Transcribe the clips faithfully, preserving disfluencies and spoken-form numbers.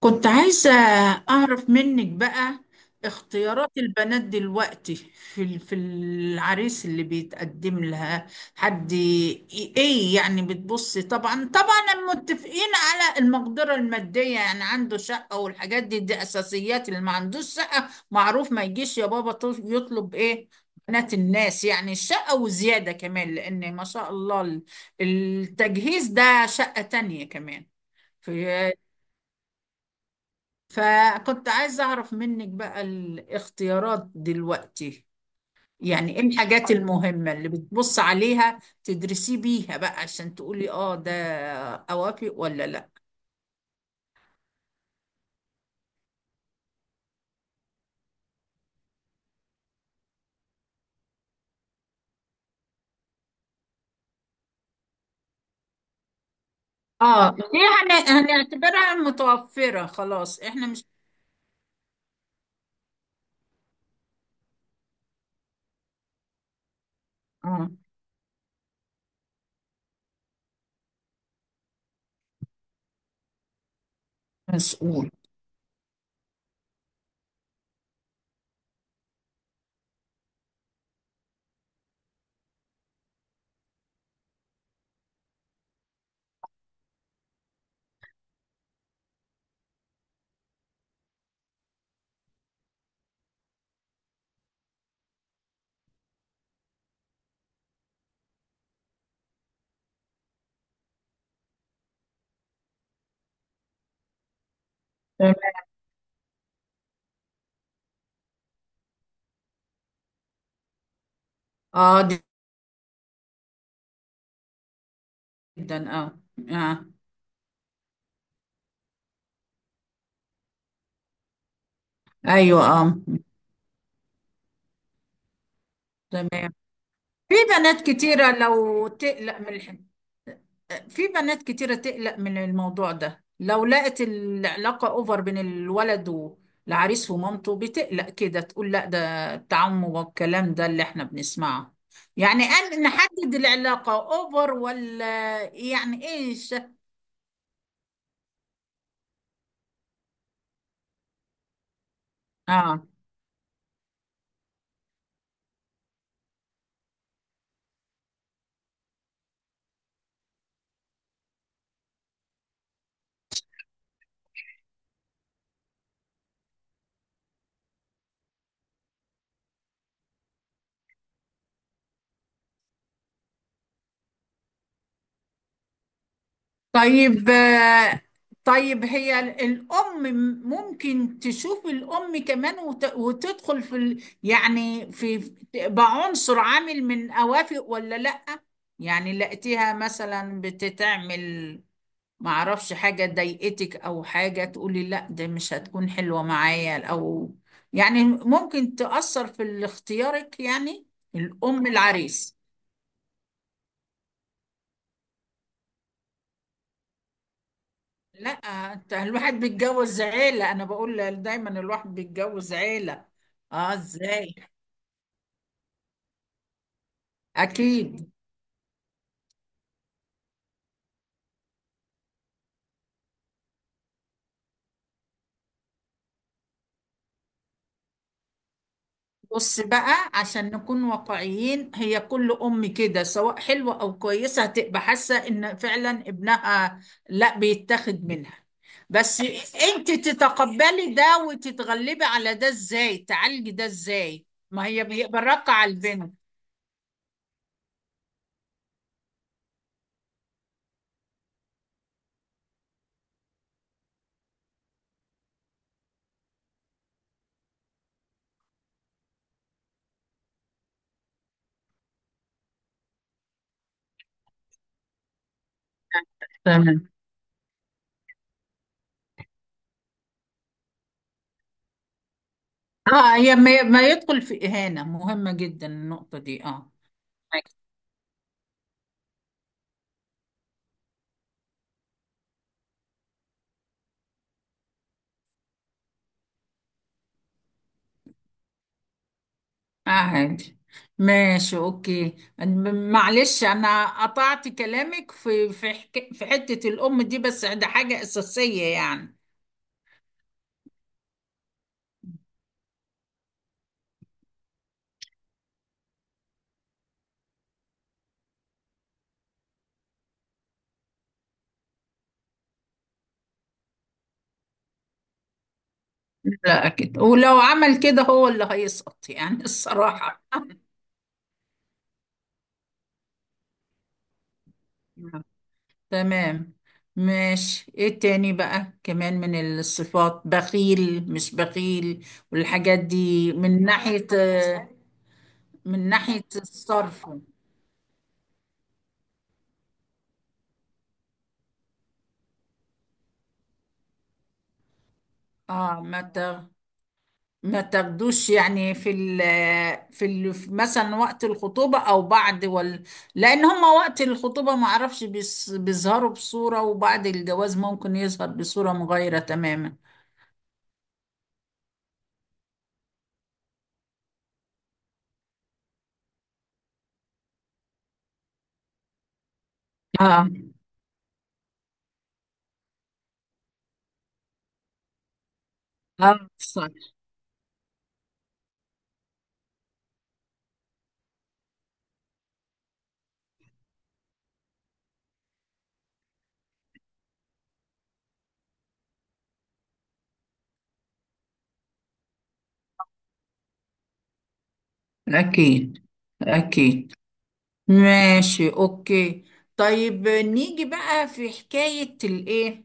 كنت عايزة أعرف منك بقى اختيارات البنات دلوقتي في ال- في العريس اللي بيتقدم لها. حد ي- إيه يعني بتبصي؟ طبعا طبعا متفقين على المقدرة المادية، يعني عنده شقة والحاجات دي، دي أساسيات. اللي ما عندوش شقة معروف ما يجيش يا بابا طل- يطلب إيه؟ بنات الناس، يعني الشقة وزيادة كمان، لأن ما شاء الله ال- التجهيز ده شقة تانية كمان. فكنت عايزة أعرف منك بقى الاختيارات دلوقتي، يعني إيه الحاجات المهمة اللي بتبص عليها تدرسي بيها بقى عشان تقولي آه ده أوافق ولا لأ. آه دي هن... هنعتبرها متوفرة خلاص، إحنا مش آه مسؤول. تمام. آه دي- جدا، آه. آه. أيوه، آه. تمام. في بنات كتيرة لو تقلق من الحاجة، في بنات كتيرة تقلق من الموضوع ده لو لقت العلاقة أوفر بين الولد والعريس ومامته، بتقلق كده تقول لا ده التعم، والكلام ده اللي احنا بنسمعه. يعني أن نحدد العلاقة أوفر ولا يعني إيش؟ آه. طيب آه، طيب هي ال- الأم م- ممكن تشوف الأم كمان وت- وتدخل في ال- يعني في في- تبقى عنصر عامل من أوافق ولا لأ؟ يعني لقيتيها مثلا بتتعمل، معرفش حاجة ضايقتك أو حاجة تقولي لأ ده مش هتكون حلوة معايا، أو يعني ممكن تأثر في اختيارك يعني الأم العريس. لا، انت الواحد بيتجوز عيلة، انا بقول دايما الواحد بيتجوز عيلة. اه، ازاي؟ اكيد. بص بقى عشان نكون واقعيين، هي كل ام كده سواء حلوة او كويسة هتبقى حاسة ان فعلا ابنها لا بيتاخد منها. بس انت تتقبلي ده وتتغلبي على ده ازاي، تعالجي ده ازاي، ما هي بيبقى راقة على البنت. تمام. اه، هي ما ما يدخل في اهانة، مهمة جدا النقطة دي، اه. عادي. ماشي، اوكي. م- معلش انا قطعت كلامك في في حك... في حتة الام دي، بس ده حاجة اساسية يعني. لا اكيد، ولو عمل كده هو اللي هيسقط يعني الصراحة. تمام. ماشي، ايه تاني بقى كمان من الصفات؟ بخيل مش بخيل، والحاجات دي من ناحية، من ناحية الصرف. اه ما ت... ما تاخدوش يعني في ال في ال مثلا وقت الخطوبة او بعد وال، لان هما وقت الخطوبة ما اعرفش بيس- بيظهروا بصورة، وبعد الجواز ممكن يظهر بصورة مغايرة تماما. اه. اه صح. اكيد، اكيد. ماشي اوكي. طيب نيجي بقى في حكاية الايه،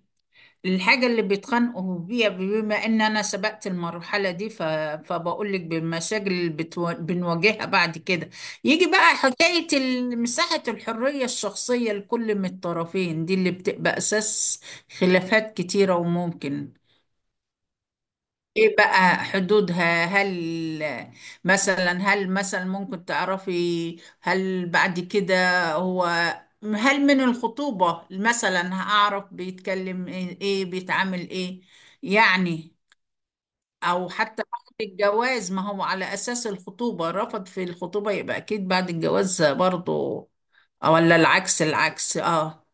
الحاجة اللي بيتخانقوا بيها، بما ان انا سبقت المرحلة دي ف... فبقول لك بالمشاكل اللي بتو... بنواجهها بعد كده. يجي بقى حكاية ال- مساحة الحرية الشخصية لكل من الطرفين، دي اللي بتبقى اساس خلافات كتيرة وممكن. ايه بقى حدودها؟ هل مثلا، هل مثلا ممكن تعرفي هل بعد كده هو، هل من الخطوبة مثلا هعرف بيتكلم ايه، إيه، بيتعامل ايه يعني؟ او حتى بعد الجواز، ما هو على اساس الخطوبة، رفض في الخطوبة يبقى اكيد بعد الجواز برضو، أو ولا العكس، العكس اه.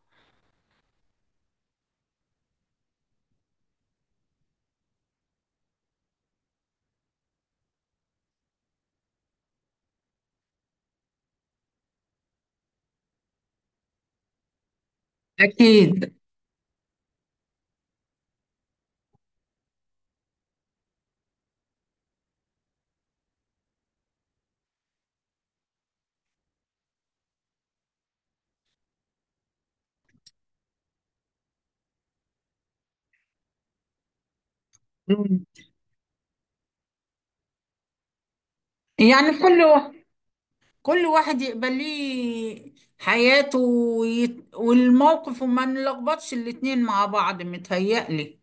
اكيد. مم. يعني كله، كل واحد يقبل ليه حياته ويت... والموقف، وما نلخبطش الاتنين مع بعض متهيألي.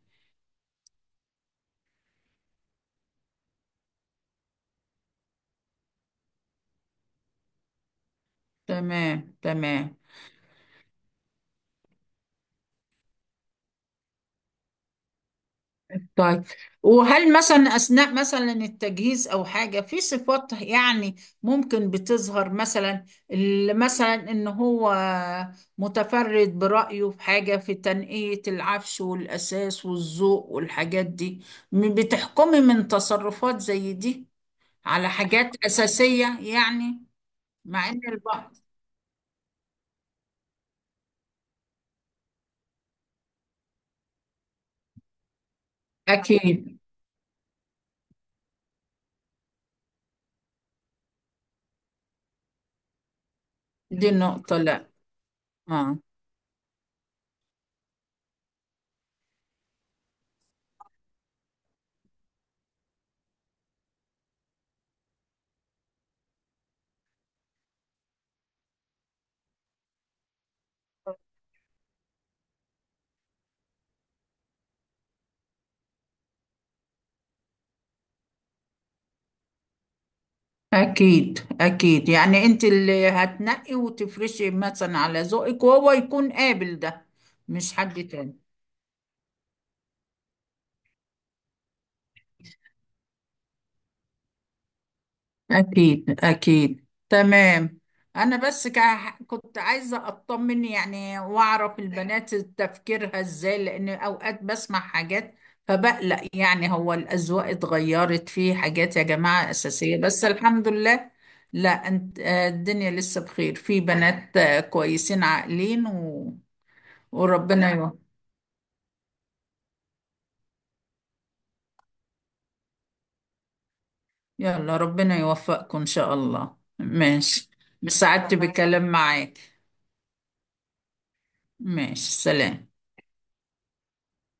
تمام، تمام. طيب، وهل مثلا أثناء مثلا التجهيز أو حاجة في صفات يعني ممكن بتظهر مثلا ال- مثلا إن هو متفرد برأيه في حاجة في تنقية العفش والأساس والذوق والحاجات دي؟ م- بتحكمي من تصرفات زي دي؟ على حاجات أساسية يعني. مع إن البعض. أكيد. دي النقطة لا. آه. أكيد أكيد، يعني أنت اللي هتنقي وتفرشي مثلا على ذوقك وهو يكون قابل ده، مش حد تاني. أكيد، أكيد، تمام. أنا بس كا- كنت عايزة أطمن يعني وأعرف البنات تفكيرها إزاي، لأن أوقات بسمع حاجات فبقلق، يعني هو الأذواق اتغيرت في حاجات يا جماعة أساسية؟ بس الحمد لله، لا أنت، آه، الدنيا لسه بخير، في بنات آه، كويسين عاقلين و... وربنا يوفق. يلا ربنا يوفقكم إن شاء الله. ماشي، سعدت تمام بكلام معاك. ماشي، سلام.